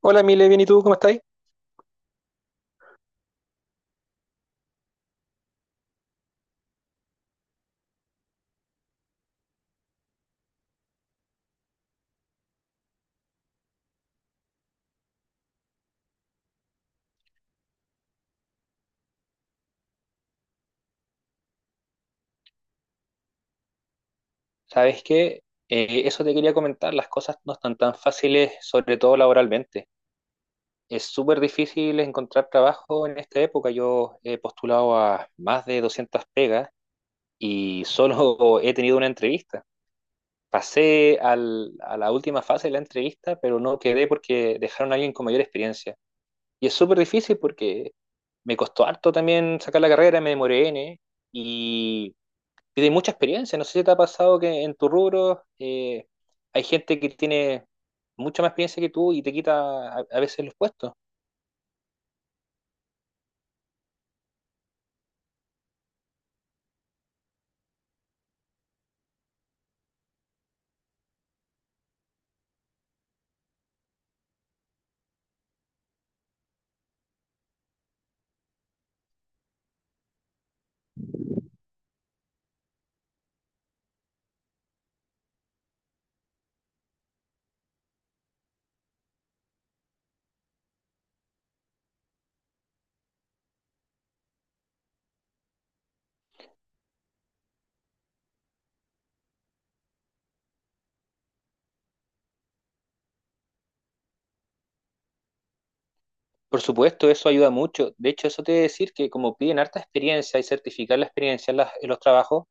Hola, Mile, bien, ¿y tú cómo estáis? ¿Sabes que eso te quería comentar? Las cosas no están tan fáciles, sobre todo laboralmente. Es súper difícil encontrar trabajo en esta época. Yo he postulado a más de 200 pegas y solo he tenido una entrevista. Pasé a la última fase de la entrevista, pero no quedé porque dejaron a alguien con mayor experiencia. Y es súper difícil porque me costó harto también sacar la carrera, me demoré N, y tiene mucha experiencia. No sé si te ha pasado que en tu rubro hay gente que tiene mucha más experiencia que tú y te quita a veces los puestos. Por supuesto, eso ayuda mucho. De hecho, eso te debe decir que como piden harta experiencia y certificar la experiencia en los trabajos,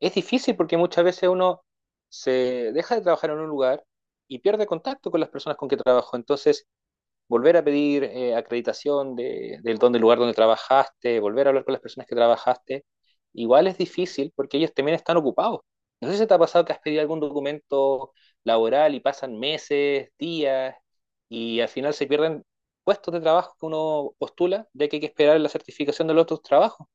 es difícil porque muchas veces uno se deja de trabajar en un lugar y pierde contacto con las personas con que trabajó. Entonces, volver a pedir acreditación de, del, don del lugar donde trabajaste, volver a hablar con las personas que trabajaste, igual es difícil porque ellos también están ocupados. No sé si te ha pasado que has pedido algún documento laboral y pasan meses, días, y al final se pierden puestos de trabajo que uno postula, de que hay que esperar la certificación de los otros trabajos,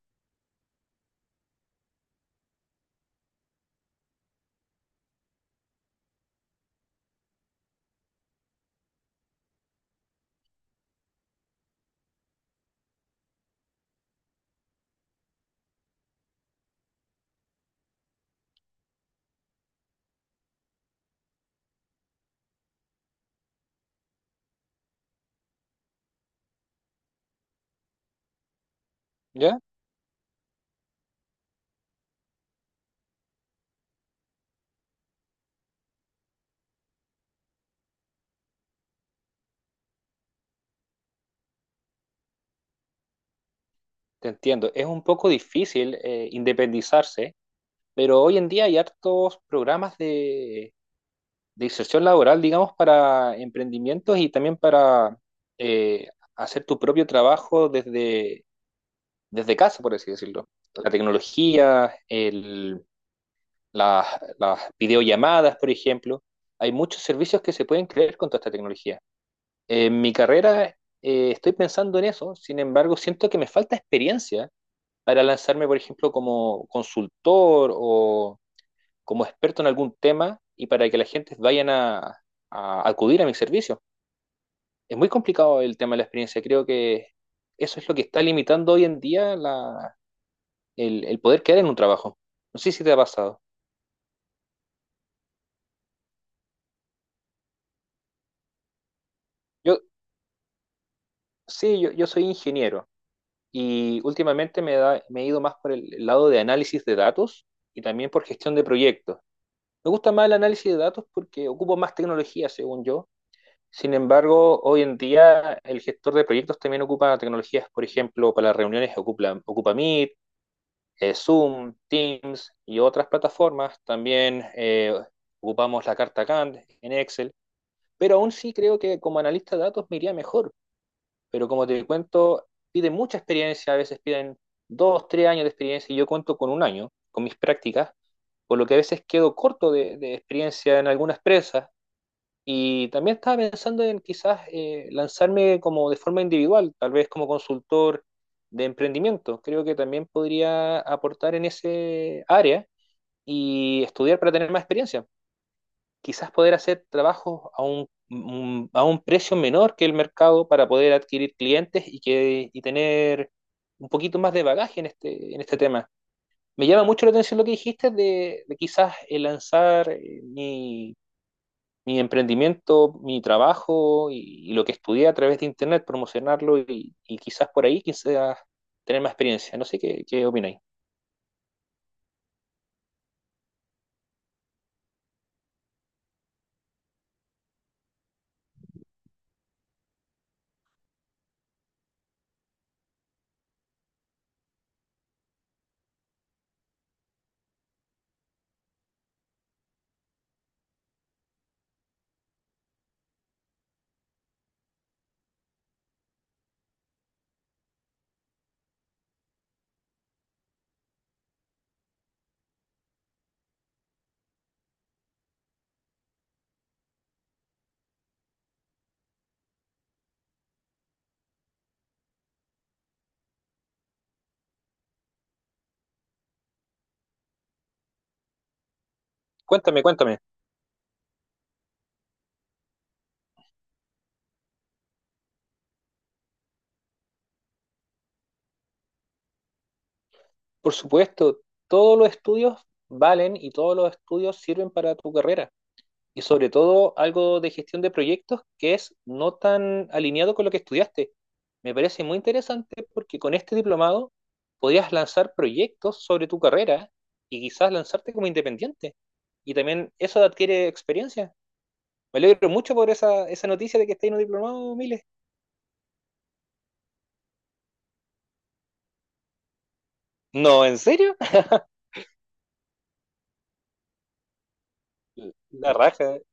¿ya? Te entiendo, es un poco difícil independizarse, pero hoy en día hay hartos programas de inserción laboral, digamos, para emprendimientos y también para eh, hacer tu propio trabajo desde, desde casa, por así decirlo. La tecnología, las, las videollamadas, por ejemplo. Hay muchos servicios que se pueden crear con toda esta tecnología. En mi carrera estoy pensando en eso, sin embargo, siento que me falta experiencia para lanzarme, por ejemplo, como consultor o como experto en algún tema y para que la gente vayan a acudir a mi servicio. Es muy complicado el tema de la experiencia. Creo que eso es lo que está limitando hoy en día el poder quedar en un trabajo. No sé si te ha pasado. Yo, sí, yo soy ingeniero y últimamente me he ido más por el lado de análisis de datos y también por gestión de proyectos. Me gusta más el análisis de datos porque ocupo más tecnología, según yo. Sin embargo, hoy en día el gestor de proyectos también ocupa tecnologías, por ejemplo, para las reuniones ocupa Meet, Zoom, Teams y otras plataformas. También ocupamos la carta Gantt en Excel, pero aún sí creo que como analista de datos me iría mejor. Pero como te cuento, piden mucha experiencia, a veces piden dos, tres años de experiencia y yo cuento con un año con mis prácticas, por lo que a veces quedo corto de experiencia en algunas empresas y también estaba pensando en quizás lanzarme como de forma individual, tal vez como consultor de emprendimiento. Creo que también podría aportar en ese área y estudiar para tener más experiencia. Quizás poder hacer trabajos a a un precio menor que el mercado para poder adquirir clientes y tener un poquito más de bagaje en este tema. Me llama mucho la atención lo que dijiste de quizás lanzar mi emprendimiento, mi trabajo y lo que estudié a través de internet, promocionarlo y quizás por ahí quizás tener más experiencia. No sé qué opináis. Cuéntame, cuéntame. Por supuesto, todos los estudios valen y todos los estudios sirven para tu carrera, y sobre todo algo de gestión de proyectos que es no tan alineado con lo que estudiaste. Me parece muy interesante porque con este diplomado podrías lanzar proyectos sobre tu carrera y quizás lanzarte como independiente. Y también eso adquiere experiencia. Me alegro mucho por esa, esa noticia de que estáis en un diplomado, Miles. No, ¿en serio? La raja.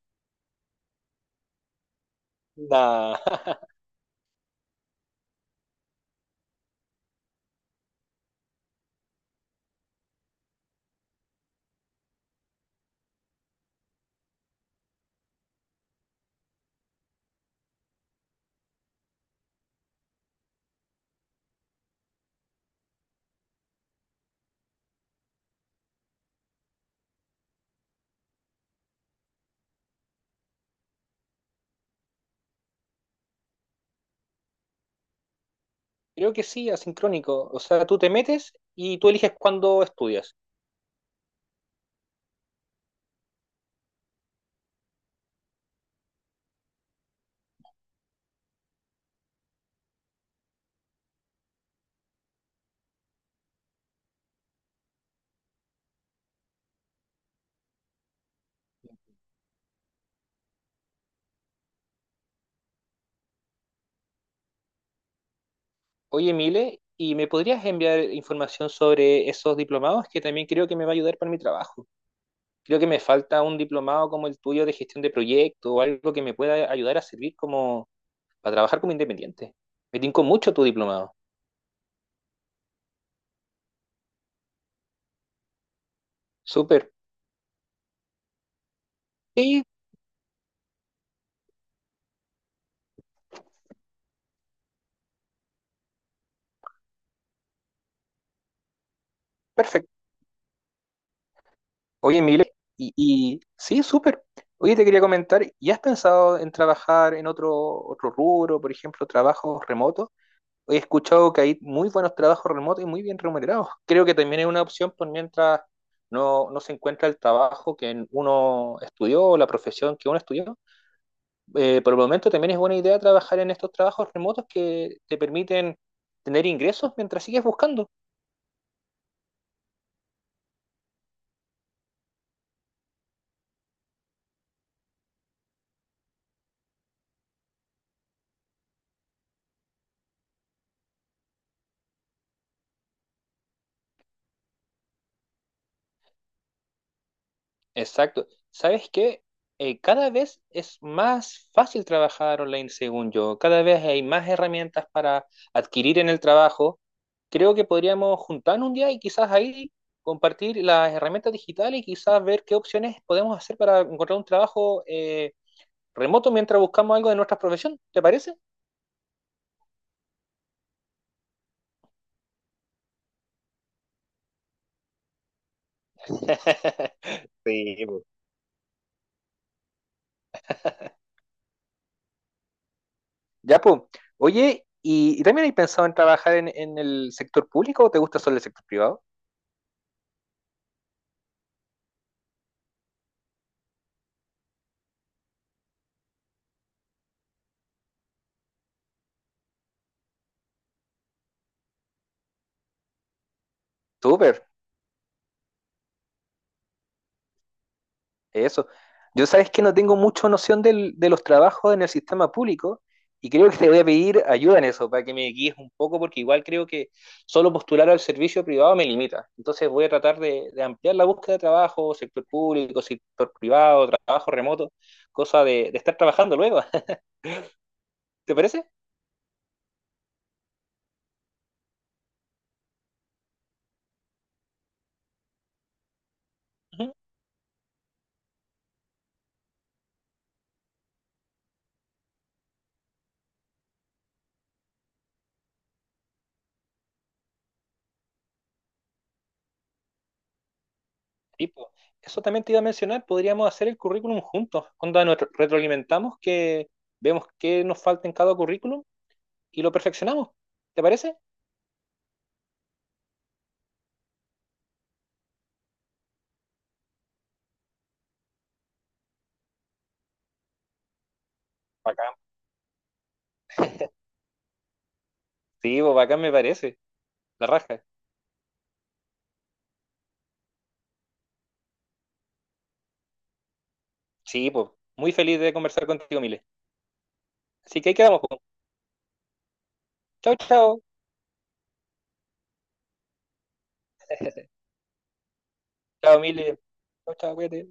Nah. Creo que sí, asincrónico. O sea, tú te metes y tú eliges cuándo estudias. Oye, Mile, ¿y me podrías enviar información sobre esos diplomados, que también creo que me va a ayudar para mi trabajo? Creo que me falta un diplomado como el tuyo de gestión de proyecto o algo que me pueda ayudar a servir como para trabajar como independiente. Me tincó mucho tu diplomado. Súper. Sí, perfecto. Oye, Mile, y sí, súper. Oye, te quería comentar, ¿y has pensado en trabajar en otro, otro rubro, por ejemplo, trabajos remotos? He escuchado que hay muy buenos trabajos remotos y muy bien remunerados. Creo que también es una opción por mientras no, no se encuentra el trabajo que uno estudió o la profesión que uno estudió. Por el momento también es buena idea trabajar en estos trabajos remotos que te permiten tener ingresos mientras sigues buscando. Exacto. ¿Sabes qué? Cada vez es más fácil trabajar online, según yo. Cada vez hay más herramientas para adquirir en el trabajo. Creo que podríamos juntarnos un día y quizás ahí compartir las herramientas digitales y quizás ver qué opciones podemos hacer para encontrar un trabajo remoto mientras buscamos algo de nuestra profesión. ¿Te parece? Sí, pues. Ya, pues. Oye, y también hay pensado en trabajar en el sector público o te gusta solo el sector privado? Súper. Eso. Yo sabes que no tengo mucha noción de los trabajos en el sistema público y creo que te voy a pedir ayuda en eso para que me guíes un poco porque igual creo que solo postular al servicio privado me limita. Entonces voy a tratar de ampliar la búsqueda de trabajo, sector público, sector privado, trabajo remoto, cosa de estar trabajando luego. ¿Te parece? Ujú. Tipo, eso también te iba a mencionar, podríamos hacer el currículum juntos, cuando nos retroalimentamos, que vemos qué nos falta en cada currículum y lo perfeccionamos. ¿Te parece? Sí, pues bacán me parece. La raja. Sí, pues. Muy feliz de conversar contigo, Mile. Así que ahí quedamos, pues. Chao, chao. Chao, Mile. Chao, chao, cuídate.